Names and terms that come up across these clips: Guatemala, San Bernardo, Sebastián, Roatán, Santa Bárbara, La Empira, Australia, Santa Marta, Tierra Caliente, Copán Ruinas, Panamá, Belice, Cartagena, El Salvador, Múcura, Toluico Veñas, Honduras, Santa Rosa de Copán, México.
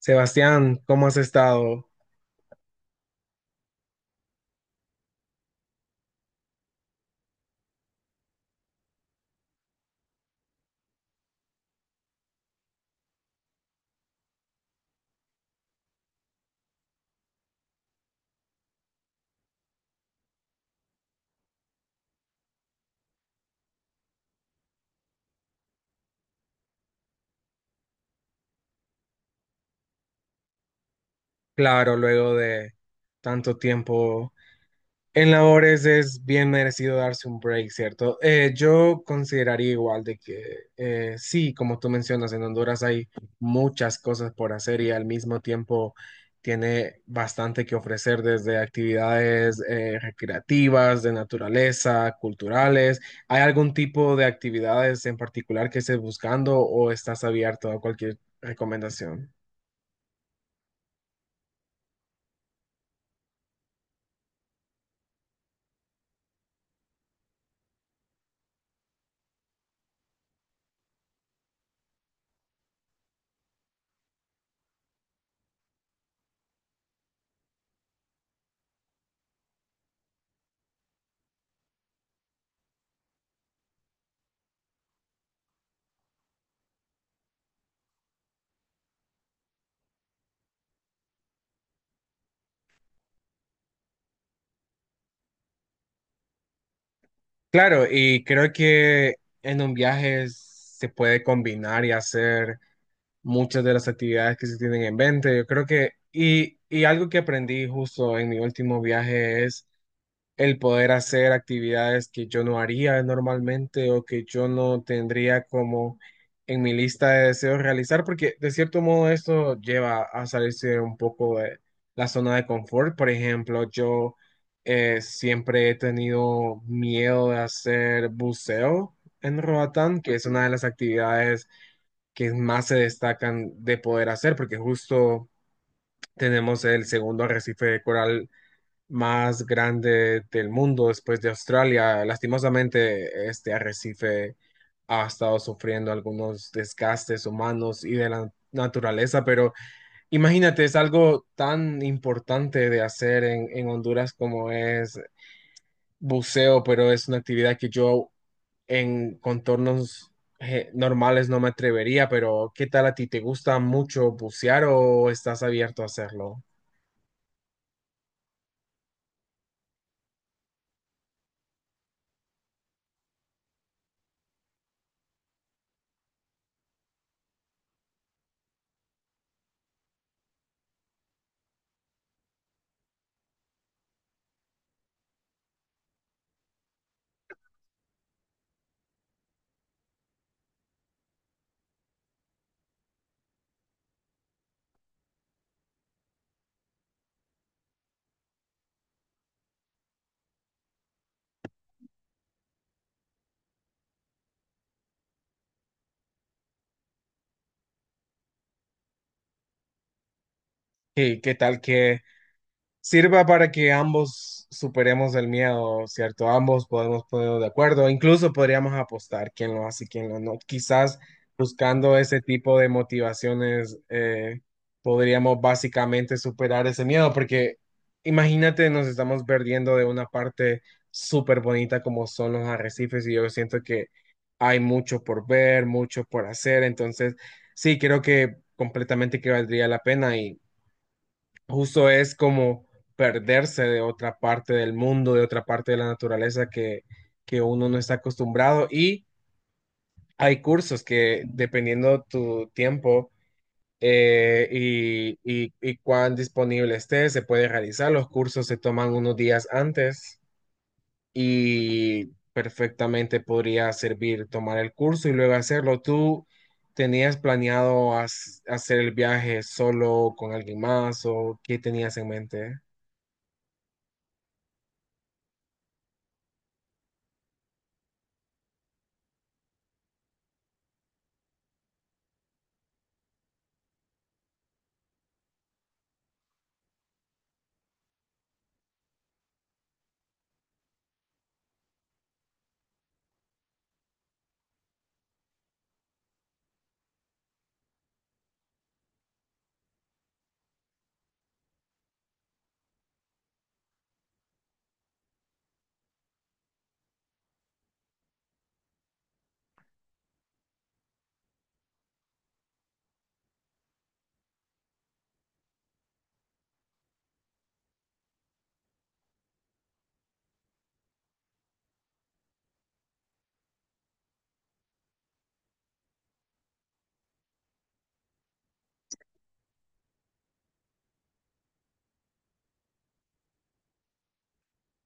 Sebastián, ¿cómo has estado? Claro, luego de tanto tiempo en labores es bien merecido darse un break, ¿cierto? Yo consideraría igual de que sí, como tú mencionas, en Honduras hay muchas cosas por hacer y al mismo tiempo tiene bastante que ofrecer desde actividades recreativas, de naturaleza, culturales. ¿Hay algún tipo de actividades en particular que estés buscando o estás abierto a cualquier recomendación? Claro, y creo que en un viaje se puede combinar y hacer muchas de las actividades que se tienen en mente. Yo creo que, algo que aprendí justo en mi último viaje es el poder hacer actividades que yo no haría normalmente o que yo no tendría como en mi lista de deseos realizar, porque de cierto modo esto lleva a salirse un poco de la zona de confort. Por ejemplo, yo siempre he tenido miedo de hacer buceo en Roatán, que es una de las actividades que más se destacan de poder hacer, porque justo tenemos el segundo arrecife de coral más grande del mundo después de Australia. Lastimosamente, este arrecife ha estado sufriendo algunos desgastes humanos y de la naturaleza, pero imagínate, es algo tan importante de hacer en Honduras como es buceo, pero es una actividad que yo en contornos normales no me atrevería, pero ¿qué tal a ti? ¿Te gusta mucho bucear o estás abierto a hacerlo? ¿Qué tal que sirva para que ambos superemos el miedo, ¿cierto? Ambos podemos ponernos de acuerdo, incluso podríamos apostar quién lo hace y quién lo no. Quizás buscando ese tipo de motivaciones podríamos básicamente superar ese miedo, porque imagínate, nos estamos perdiendo de una parte súper bonita como son los arrecifes y yo siento que hay mucho por ver, mucho por hacer, entonces sí, creo que completamente que valdría la pena y justo es como perderse de otra parte del mundo, de otra parte de la naturaleza que uno no está acostumbrado. Y hay cursos que, dependiendo tu tiempo y cuán disponible estés, se puede realizar. Los cursos se toman unos días antes y perfectamente podría servir tomar el curso y luego hacerlo. ¿Tú tenías planeado hacer el viaje solo con alguien más o qué tenías en mente?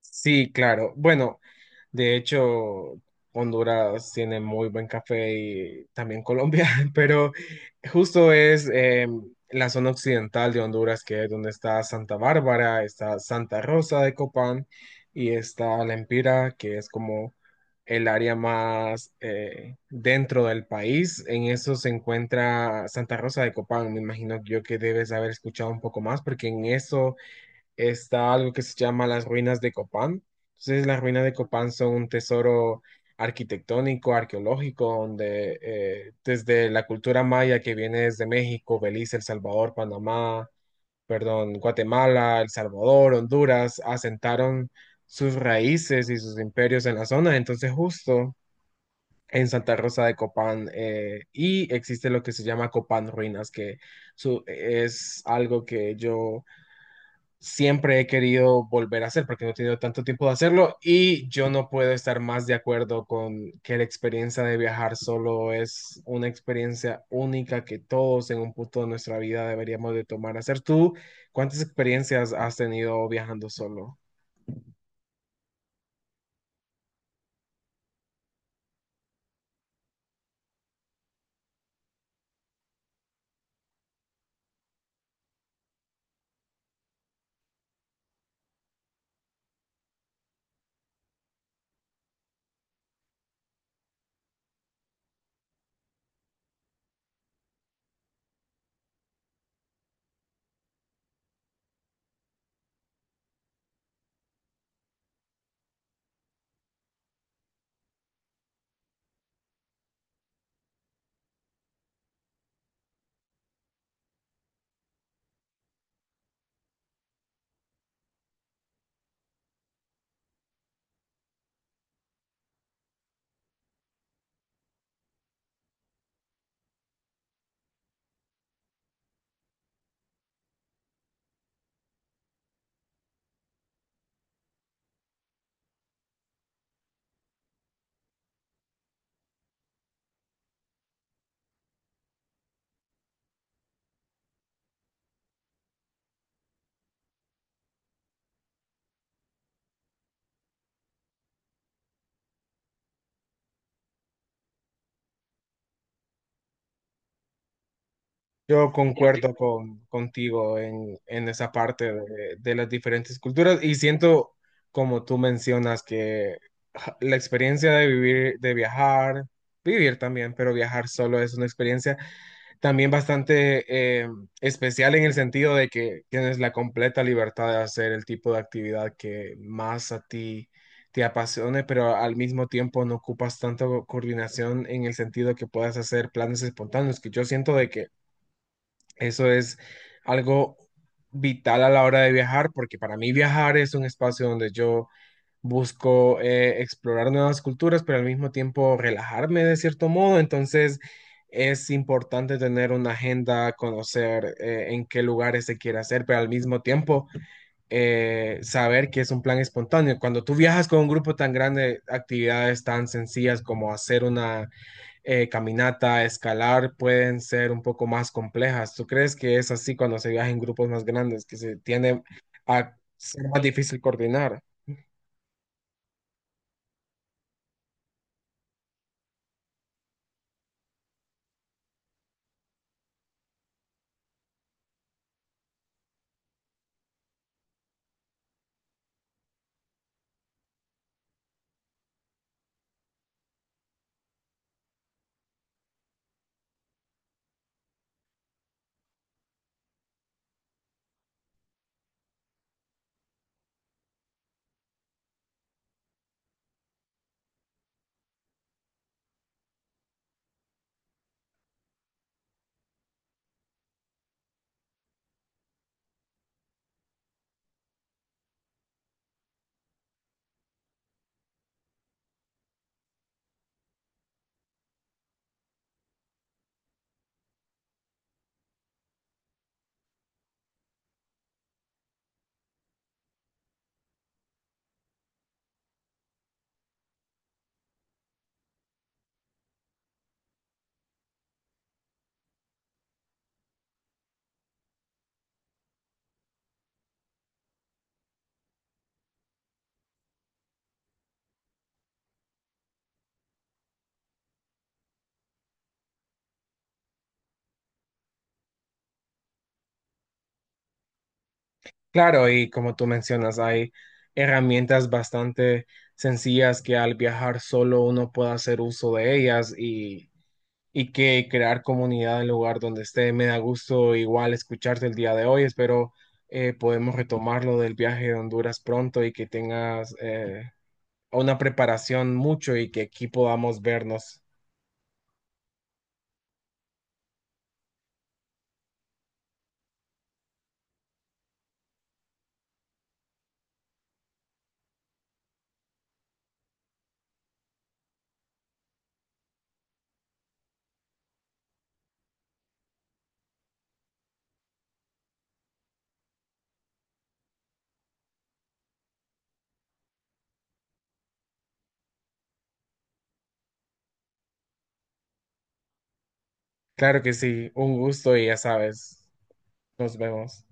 Sí, claro. Bueno, de hecho, Honduras tiene muy buen café y también Colombia, pero justo es la zona occidental de Honduras, que es donde está Santa Bárbara, está Santa Rosa de Copán y está La Empira, que es como el área más dentro del país. En eso se encuentra Santa Rosa de Copán. Me imagino yo que debes haber escuchado un poco más, porque en eso está algo que se llama las ruinas de Copán. Entonces, las ruinas de Copán son un tesoro arquitectónico, arqueológico, donde desde la cultura maya que viene desde México, Belice, El Salvador, Panamá, perdón, Guatemala, El Salvador, Honduras, asentaron sus raíces y sus imperios en la zona. Entonces, justo en Santa Rosa de Copán, y existe lo que se llama Copán Ruinas, que es algo que yo siempre he querido volver a hacer porque no he tenido tanto tiempo de hacerlo y yo no puedo estar más de acuerdo con que la experiencia de viajar solo es una experiencia única que todos en un punto de nuestra vida deberíamos de tomar. A Hacer tú, ¿cuántas experiencias has tenido viajando solo? Yo concuerdo contigo en esa parte de las diferentes culturas y siento, como tú mencionas, que ja, la experiencia de vivir, de viajar, vivir también, pero viajar solo es una experiencia también bastante especial en el sentido de que tienes la completa libertad de hacer el tipo de actividad que más a ti te apasione, pero al mismo tiempo no ocupas tanta coordinación en el sentido que puedas hacer planes espontáneos, que yo siento de que eso es algo vital a la hora de viajar, porque para mí viajar es un espacio donde yo busco explorar nuevas culturas, pero al mismo tiempo relajarme de cierto modo. Entonces es importante tener una agenda, conocer en qué lugares se quiere hacer, pero al mismo tiempo saber que es un plan espontáneo. Cuando tú viajas con un grupo tan grande, actividades tan sencillas como hacer una caminata, escalar, pueden ser un poco más complejas. ¿Tú crees que es así cuando se viaja en grupos más grandes, que se tiende a ser más difícil coordinar? Claro, y como tú mencionas, hay herramientas bastante sencillas que al viajar solo uno puede hacer uso de ellas y que crear comunidad en el lugar donde esté. Me da gusto igual escucharte el día de hoy. Espero podemos retomar lo del viaje de Honduras pronto y que tengas una preparación mucho y que aquí podamos vernos. Claro que sí, un gusto y ya sabes, nos vemos.